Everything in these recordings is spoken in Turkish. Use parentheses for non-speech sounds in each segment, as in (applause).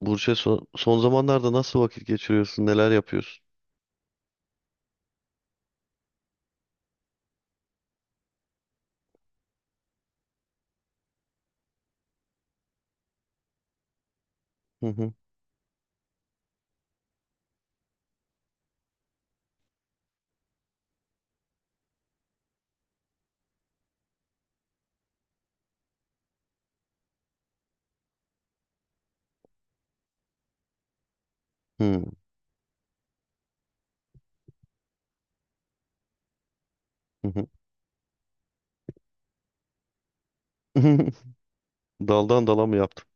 Burç'e son zamanlarda nasıl vakit geçiriyorsun? Neler yapıyorsun? Hı hı. Hı hı. Hı. (laughs) Daldan dala mı yaptım?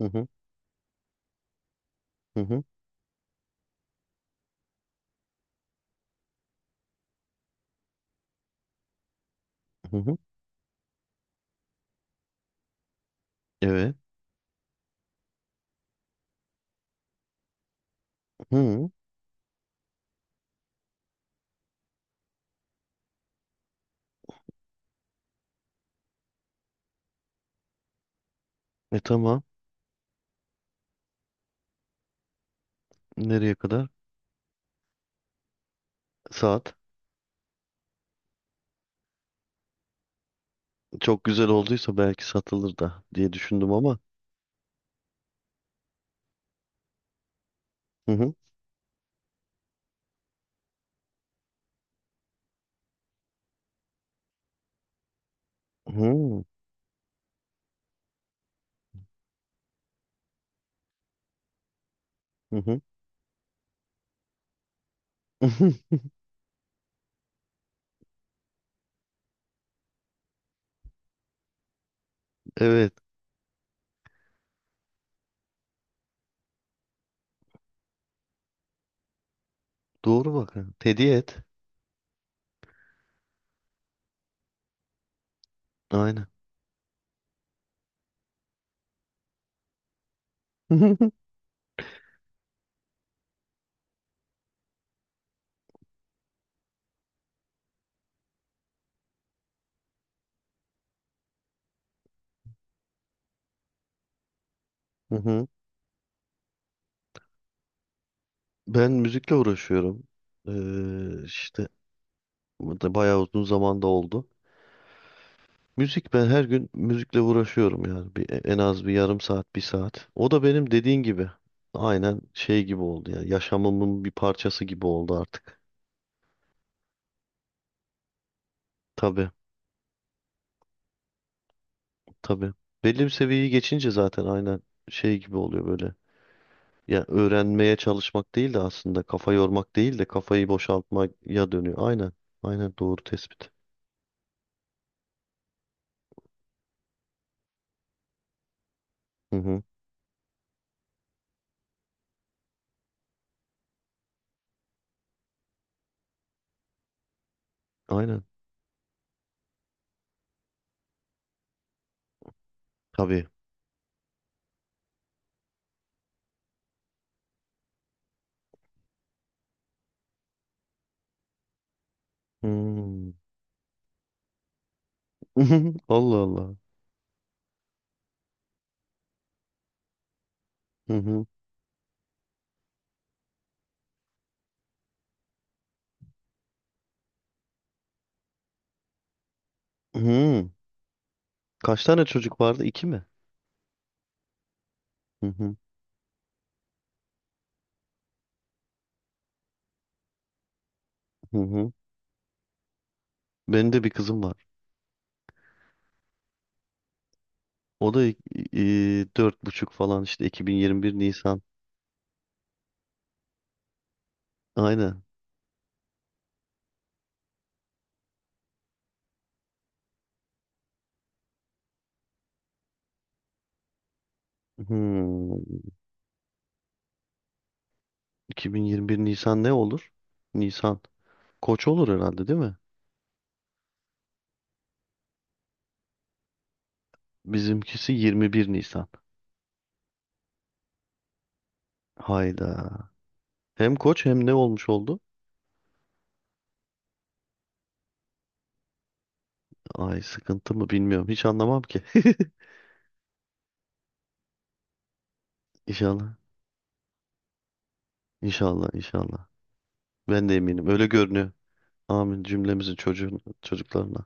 Hı hı. Hı hı. Hı hı. Evet. Hı. Tamam. Nereye kadar? Saat. Çok güzel olduysa belki satılır da diye düşündüm ama. Hı hı. Hı hı. Hı. (laughs) Evet. Doğru bak. Ha. Hediye et. Aynen. (laughs) Hı hı. Ben müzikle uğraşıyorum. İşte bu da bayağı uzun zamanda oldu. Müzik, ben her gün müzikle uğraşıyorum yani en az bir yarım saat bir saat. O da benim dediğin gibi aynen şey gibi oldu ya, yaşamımın bir parçası gibi oldu artık. Tabii, tabii, belli bir seviyeyi geçince zaten aynen şey gibi oluyor böyle. Ya öğrenmeye çalışmak değil de aslında kafa yormak değil de kafayı boşaltmaya dönüyor. Aynen, aynen, doğru tespit. Hı hı. Aynen tabii. Hmm. (laughs) Allah Allah. Hı hı. Hı. Kaç tane çocuk vardı? İki mi? Hı hı. Hı hı. Benim de bir kızım var. O da dört buçuk falan işte, 2021 Nisan. Aynen. Hmm. 2021 Nisan ne olur? Nisan. Koç olur herhalde değil mi? Bizimkisi 21 Nisan. Hayda. Hem koç hem ne olmuş oldu? Ay, sıkıntı mı bilmiyorum. Hiç anlamam ki. (laughs) İnşallah. İnşallah, inşallah. Ben de eminim. Öyle görünüyor. Amin cümlemizin çocuklarına.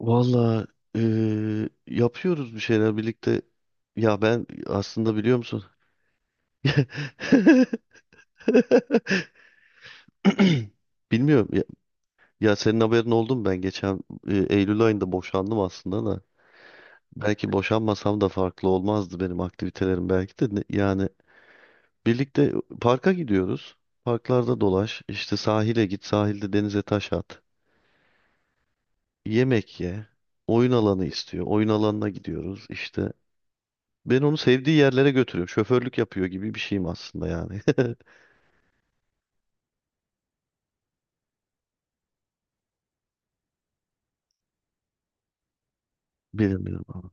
Valla yapıyoruz bir şeyler birlikte. Ya ben aslında biliyor musun? (laughs) Bilmiyorum. Ya, senin haberin oldu mu? Ben geçen Eylül ayında boşandım aslında da. Belki boşanmasam da farklı olmazdı benim aktivitelerim belki de. Yani birlikte parka gidiyoruz. Parklarda dolaş. İşte sahile git. Sahilde denize taş at. Yemek ye. Oyun alanı istiyor. Oyun alanına gidiyoruz. İşte, ben onu sevdiği yerlere götürüyorum. Şoförlük yapıyor gibi bir şeyim aslında yani. (laughs) Bilmiyorum ama.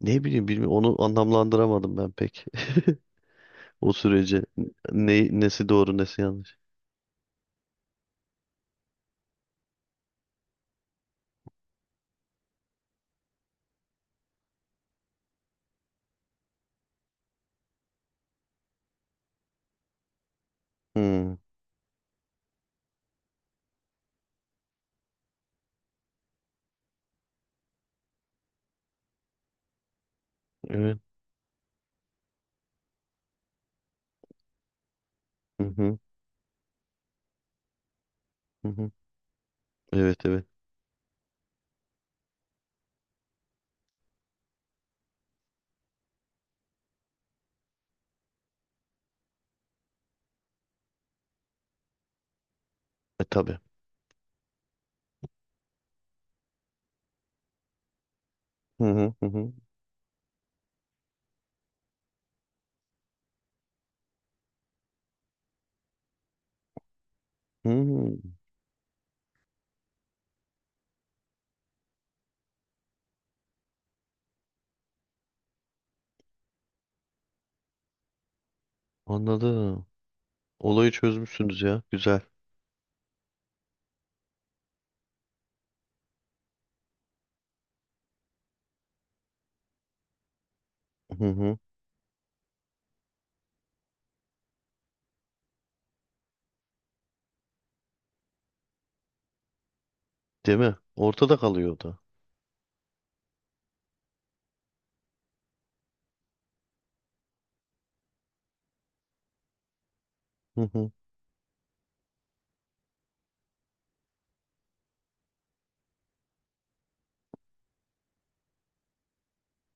Ne bileyim, bilmiyorum. Onu anlamlandıramadım ben pek. (laughs) O süreci. Nesi doğru nesi yanlış. Hmm, evet. Hı hı, hı hı. Evet, evet. Tabii. Hı hı, hı hı. Hmm, anladım. Olayı çözmüşsünüz ya. Güzel. Hı hı. Değil mi? Ortada kalıyor o da. Hı hı,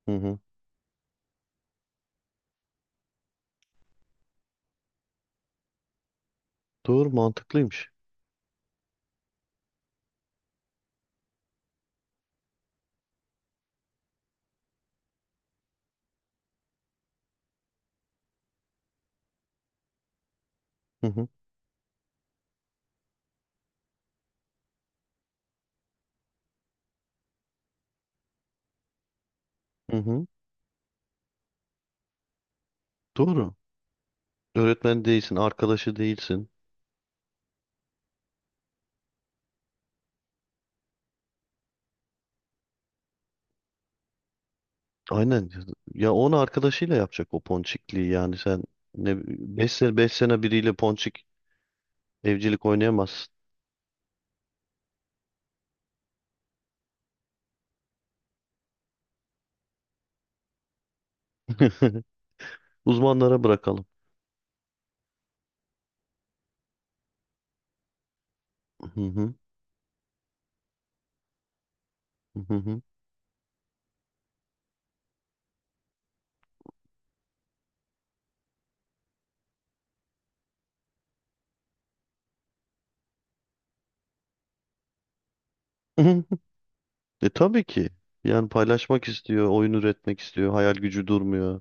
hı hı. Doğru, mantıklıymış. Hı hı, hı hı. Doğru. Öğretmen değilsin, arkadaşı değilsin. Aynen. Ya onu arkadaşıyla yapacak o ponçikliği, yani sen ne 5 sene 5 sene biriyle ponçik evcilik oynayamazsın. (laughs) Uzmanlara bırakalım. Hı hı, hı hı. (laughs) Tabii ki. Yani paylaşmak istiyor, oyun üretmek istiyor, hayal gücü durmuyor.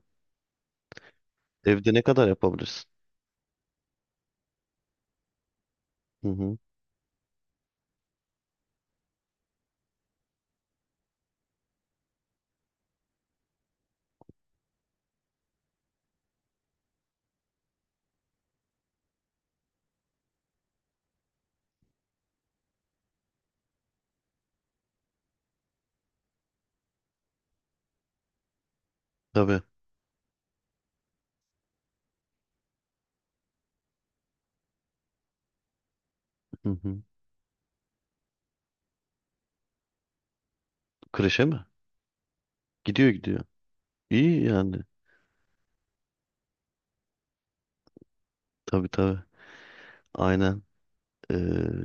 Evde ne kadar yapabilirsin? Hı hı. Tabii. Hı hı. Kreşe mi? Gidiyor, gidiyor. İyi yani. Tabii, tabii. Aynen. Ee,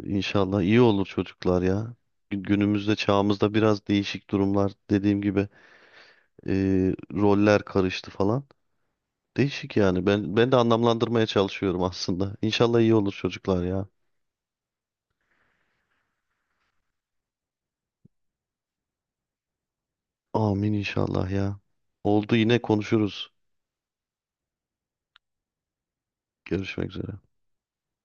inşallah iyi olur çocuklar ya. Günümüzde, çağımızda biraz değişik durumlar, dediğim gibi. Roller karıştı falan. Değişik yani. Ben de anlamlandırmaya çalışıyorum aslında. İnşallah iyi olur çocuklar ya. Amin inşallah ya. Oldu, yine konuşuruz. Görüşmek üzere.